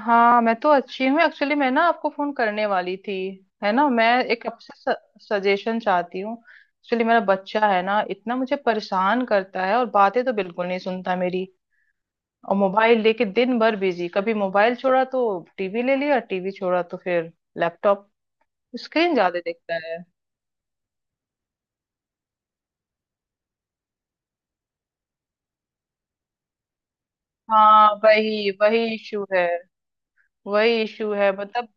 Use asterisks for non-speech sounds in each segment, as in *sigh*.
हाँ, मैं तो अच्छी हूँ। एक्चुअली मैं ना आपको फोन करने वाली थी। है ना, मैं एक आपसे सजेशन चाहती हूँ। एक्चुअली मेरा बच्चा है ना, इतना मुझे परेशान करता है, और बातें तो बिल्कुल नहीं सुनता मेरी। और मोबाइल लेके दिन भर बिजी। कभी मोबाइल छोड़ा तो टीवी ले लिया, टीवी छोड़ा तो फिर लैपटॉप। स्क्रीन ज्यादा देखता है। हाँ, वही वही इशू है। वही इशू है, मतलब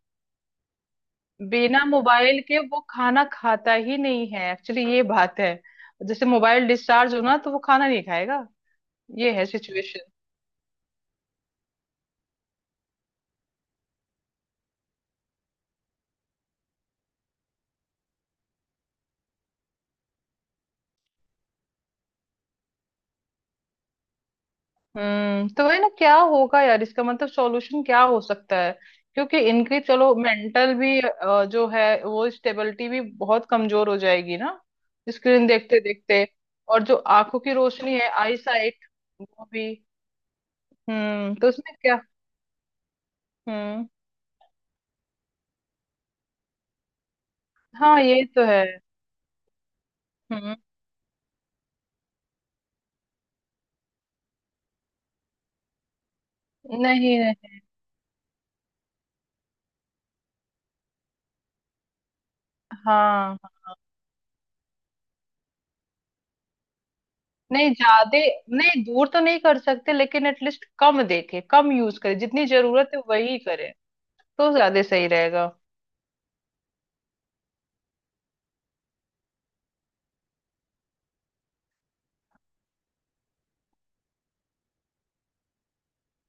बिना मोबाइल के वो खाना खाता ही नहीं है। एक्चुअली ये बात है। जैसे मोबाइल डिस्चार्ज हो ना, तो वो खाना नहीं खाएगा। ये है सिचुएशन। तो वही ना, क्या होगा यार इसका? मतलब सॉल्यूशन क्या हो सकता है? क्योंकि इनकी, चलो मेंटल भी जो है वो स्टेबिलिटी भी बहुत कमजोर हो जाएगी ना, स्क्रीन देखते देखते। और जो आंखों की रोशनी है, आई साइट, वो भी। तो उसमें क्या। हम्म। हाँ, ये तो है। हम्म। नहीं नहीं। हाँ, नहीं ज्यादा, नहीं दूर तो नहीं कर सकते लेकिन एटलीस्ट कम देखे, कम यूज करे, जितनी जरूरत है वही करे तो ज्यादा सही रहेगा।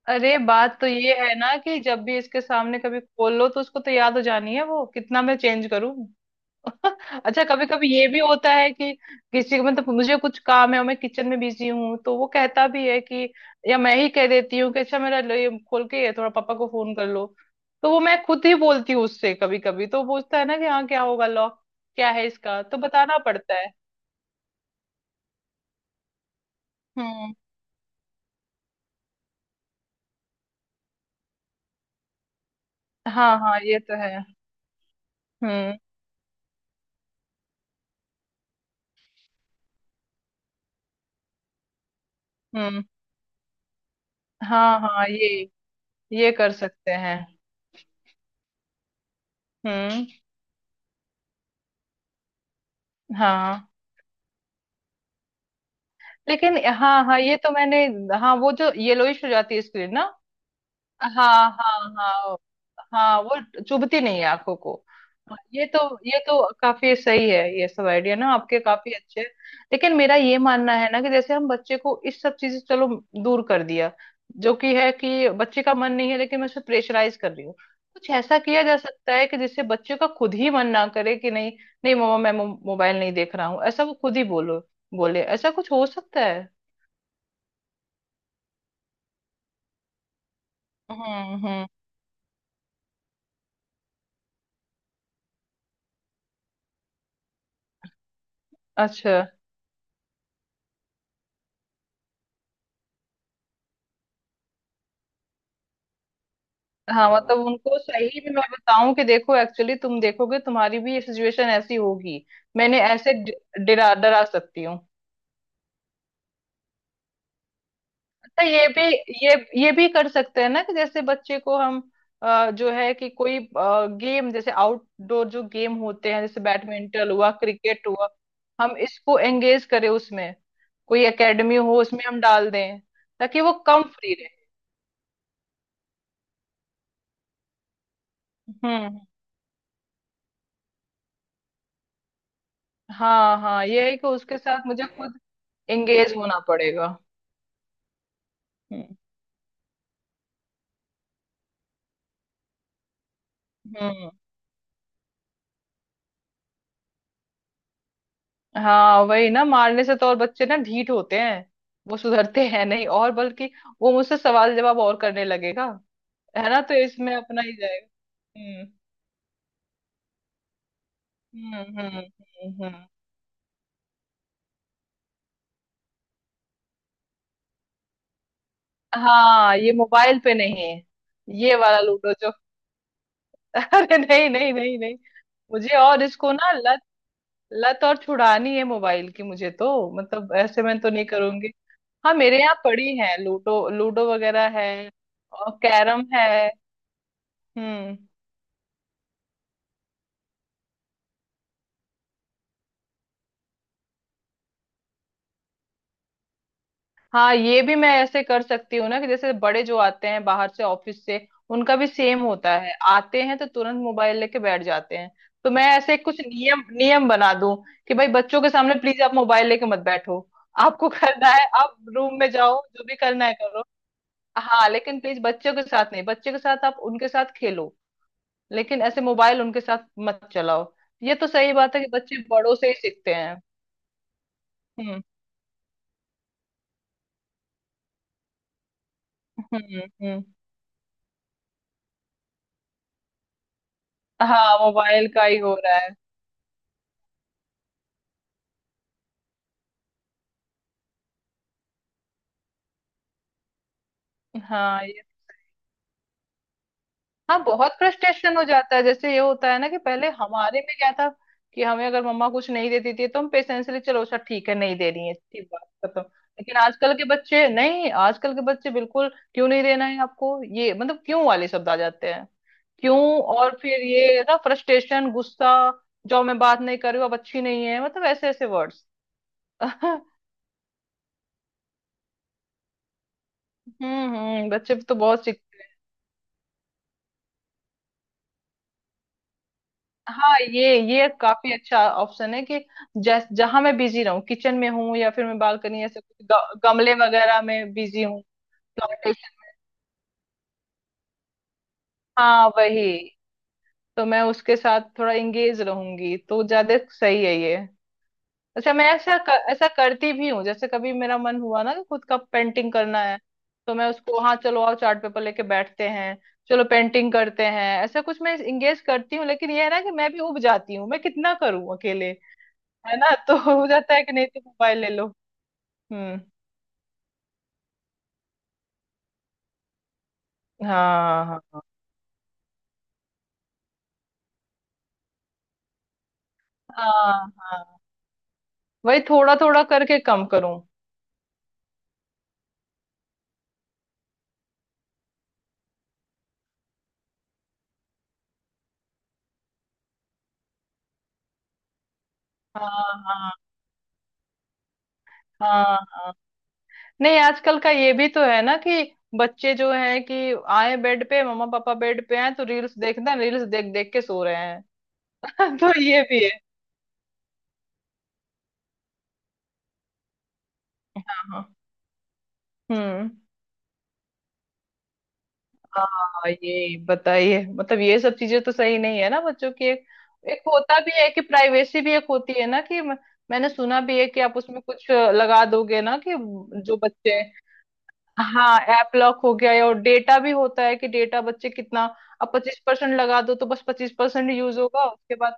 अरे, बात तो ये है ना कि जब भी इसके सामने कभी खोल लो तो उसको तो याद हो जानी है। वो कितना मैं चेंज करूं? *laughs* अच्छा, कभी कभी ये भी होता है कि किसी को, मतलब मुझे कुछ काम है और मैं किचन में बिजी हूँ, तो वो कहता भी है कि, या मैं ही कह देती हूँ कि अच्छा मेरा लो, ये खोल के थोड़ा पापा को फोन कर लो। तो वो मैं खुद ही बोलती हूँ उससे। कभी कभी तो वो पूछता है ना कि हाँ क्या होगा लॉक, क्या है इसका? तो बताना पड़ता है। हम्म। हाँ हाँ, ये तो है। हम्म। हम्म। हाँ हाँ, ये कर सकते हैं। हम्म। हाँ, लेकिन हाँ हाँ, ये तो मैंने, हाँ वो, जो येलोइश हो जाती है स्क्रीन ना। हाँ हाँ हाँ। हाँ, वो चुभती नहीं है आंखों को। हाँ, ये तो, ये तो काफी सही है। ये सब आइडिया ना आपके काफी अच्छे हैं। लेकिन मेरा ये मानना है ना कि जैसे हम बच्चे को इस सब चीज से, चलो दूर कर दिया, जो कि है कि बच्चे का मन नहीं है लेकिन मैं उसे प्रेशराइज कर रही हूँ। कुछ ऐसा किया जा सकता है कि जिससे बच्चे का खुद ही मन ना करे, कि नहीं, नहीं मम्मा मैं मोबाइल नहीं देख रहा हूँ, ऐसा वो खुद ही बोलो, बोले, ऐसा कुछ हो सकता है? हम्म। हम्म। अच्छा। हाँ, मतलब उनको सही में मैं बताऊं कि देखो, एक्चुअली तुम देखोगे, तुम्हारी भी ये सिचुएशन ऐसी होगी, मैंने ऐसे डरा, डरा सकती हूँ। अच्छा, ये भी, ये ये भी कर सकते हैं ना कि जैसे बच्चे को हम जो है कि कोई गेम, जैसे आउटडोर जो गेम होते हैं, जैसे बैडमिंटन हुआ, क्रिकेट हुआ, हम इसको एंगेज करें उसमें, कोई एकेडमी हो उसमें हम डाल दें ताकि वो कम फ्री रहे। हम्म। हाँ हाँ, ये है कि उसके साथ मुझे खुद एंगेज होना पड़ेगा। हम्म। हम्म। हाँ वही ना, मारने से तो और बच्चे ना ढीठ होते हैं। वो सुधरते *laughs* हैं नहीं, और बल्कि वो मुझसे सवाल जवाब और करने लगेगा। है ना? तो इसमें अपना ही जाएगा। हम्म। हम्म। हम्म। हम्म। हम्म। हम्म। हाँ, ये मोबाइल पे नहीं है, ये वाला लूडो जो। *laughs* अरे नहीं नहीं नहीं नहीं, मुझे और इसको ना लत, लत और छुड़ानी है मोबाइल की मुझे तो, मतलब ऐसे मैं तो नहीं करूंगी। हाँ, मेरे यहाँ पड़ी है लूडो, लूडो वगैरह है और कैरम है। हम्म। हाँ, ये भी मैं ऐसे कर सकती हूँ ना कि जैसे बड़े जो आते हैं बाहर से, ऑफिस से, उनका भी सेम होता है, आते हैं तो तुरंत मोबाइल लेके बैठ जाते हैं। तो मैं ऐसे कुछ नियम नियम बना दूं कि भाई बच्चों के सामने प्लीज आप मोबाइल लेके मत बैठो। आपको करना है आप रूम में जाओ, जो भी करना है करो। हाँ, लेकिन प्लीज बच्चों के साथ नहीं, बच्चों के साथ आप उनके साथ खेलो, लेकिन ऐसे मोबाइल उनके साथ मत चलाओ। ये तो सही बात है कि बच्चे बड़ों से ही सीखते हैं। हम्म। हम्म। हम्म। हाँ, मोबाइल का ही हो रहा है। हाँ हाँ, बहुत फ्रस्ट्रेशन हो जाता है। जैसे ये होता है ना कि पहले हमारे में क्या था कि हमें अगर मम्मा कुछ नहीं देती थी तो हम पेशेंसली, चलो अच्छा ठीक है नहीं दे रही है, ठीक, बात खत्म। लेकिन आजकल के बच्चे नहीं, आजकल के बच्चे बिल्कुल, क्यों नहीं देना है आपको ये, मतलब क्यों वाले शब्द आ जाते हैं। क्यों? और फिर ये ना फ्रस्ट्रेशन, गुस्सा, जो मैं बात नहीं कर रही हूँ अब, अच्छी नहीं है, मतलब ऐसे ऐसे वर्ड्स। *laughs* हम्म। हम्म। बच्चे तो बहुत। हाँ, ये काफी अच्छा ऑप्शन है कि जैस जहां मैं बिजी रहूं, किचन में हूँ या फिर मैं बालकनी, ऐसे कुछ गमले वगैरह में बिजी हूँ, प्लांटेशन। हाँ वही तो, मैं उसके साथ थोड़ा इंगेज रहूंगी तो ज्यादा सही है ये। अच्छा मैं ऐसा करती भी हूँ, जैसे कभी मेरा मन हुआ ना कि खुद का पेंटिंग करना है, तो मैं उसको, हाँ चलो आओ चार्ट पेपर लेके बैठते हैं, चलो पेंटिंग करते हैं, ऐसा कुछ मैं इंगेज करती हूँ। लेकिन ये है ना कि मैं भी उब जाती हूँ, मैं कितना करूँ अकेले। है ना? तो हो जाता है कि नहीं तो मोबाइल ले लो। हम्म। हाँ हाँ हाँ। हाँ हाँ, वही थोड़ा थोड़ा करके कम करूं। हाँ हाँ हाँ हाँ। नहीं, आजकल का ये भी तो है ना कि बच्चे जो है कि आए बेड पे, मम्मा पापा बेड पे हैं तो रील्स देखना, रील्स देख देख के सो रहे हैं। *laughs* तो ये भी है। हाँ हाँ। हम्म। हाँ, ये बताइए, मतलब ये सब चीजें तो सही नहीं है ना बच्चों की, एक एक होता भी है कि प्राइवेसी भी एक होती है ना कि मैंने सुना भी है कि आप उसमें कुछ लगा दोगे ना कि जो बच्चे, हाँ ऐप लॉक हो गया है। और डेटा भी होता है कि डेटा बच्चे कितना, अब 25% लगा दो तो बस 25% यूज होगा, उसके बाद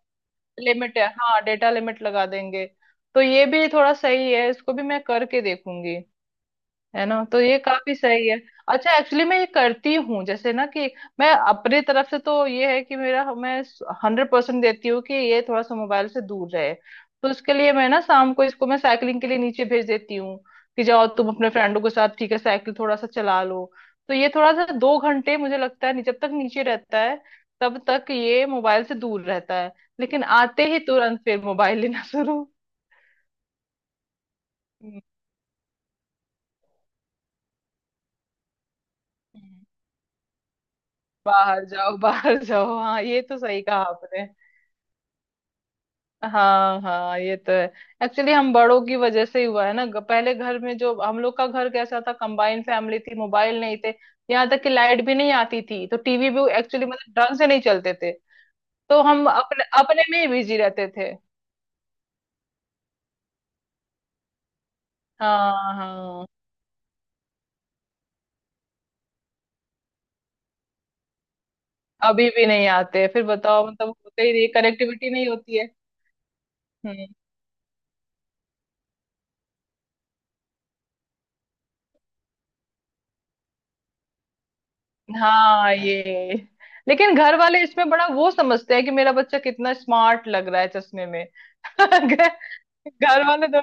लिमिट है। हाँ, डेटा लिमिट लगा देंगे। तो ये भी थोड़ा सही है, इसको भी मैं करके देखूंगी। है ना? तो ये काफी सही है। अच्छा, एक्चुअली मैं ये करती हूँ जैसे ना कि मैं अपने तरफ से तो ये है कि मेरा, मैं 100% देती हूँ कि ये थोड़ा सा मोबाइल से दूर रहे। तो उसके लिए मैं ना शाम को इसको मैं साइकिलिंग के लिए नीचे भेज देती हूँ कि जाओ तुम अपने फ्रेंडों के साथ, ठीक है, साइकिल थोड़ा सा चला लो। तो ये थोड़ा सा 2 घंटे, मुझे लगता है, जब तक नीचे रहता है तब तक ये मोबाइल से दूर रहता है। लेकिन आते ही तुरंत फिर मोबाइल लेना शुरू। हम्म, हम्म। बाहर जाओ, बाहर जाओ, हाँ ये तो सही कहा आपने। हाँ हाँ, ये तो है। एक्चुअली हम बड़ों की वजह से ही हुआ है ना, पहले घर में जो हम लोग का घर कैसा था, कंबाइंड फैमिली थी, मोबाइल नहीं थे। यहाँ तक कि लाइट भी नहीं आती थी तो टीवी भी एक्चुअली मतलब ढंग से नहीं चलते थे। तो हम अपने अपने में ही बिजी रहते थे। हाँ हाँ। अभी भी नहीं आते, फिर बताओ, मतलब होते ही नहीं, कनेक्टिविटी नहीं होती है। हम्म। हाँ, ये लेकिन घर वाले इसमें बड़ा वो समझते हैं कि मेरा बच्चा कितना स्मार्ट लग रहा है चश्मे में। *laughs* घर वाले तो,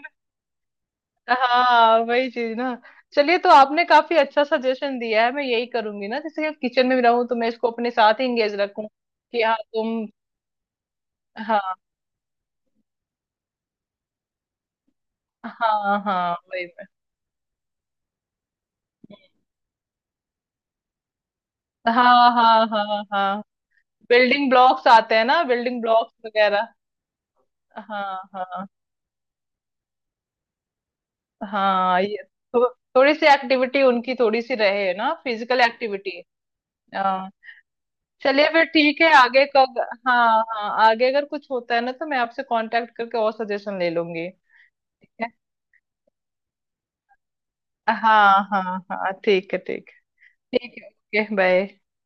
हाँ वही चीज ना। चलिए, तो आपने काफी अच्छा सजेशन दिया है, मैं यही करूंगी ना, जैसे किचन में भी रहूं तो मैं इसको अपने साथ ही इंगेज रखूं कि हाँ तुम। हाँ हाँ, हाँ वही मैं। हाँ हाँ हाँ हाँ। बिल्डिंग ब्लॉक्स आते हैं ना, बिल्डिंग ब्लॉक्स वगैरह। हाँ हाँ। हाँ, ये थो, थोड़ी सी एक्टिविटी उनकी, थोड़ी सी रहे ना फिजिकल एक्टिविटी। हाँ। चलिए फिर, ठीक है आगे कब, हाँ हाँ, आगे अगर कुछ होता है ना तो मैं आपसे कांटेक्ट करके और सजेशन ले लूंगी। हाँ हाँ। हाँ ठीक है, ठीक है ठीक है। Okay bye.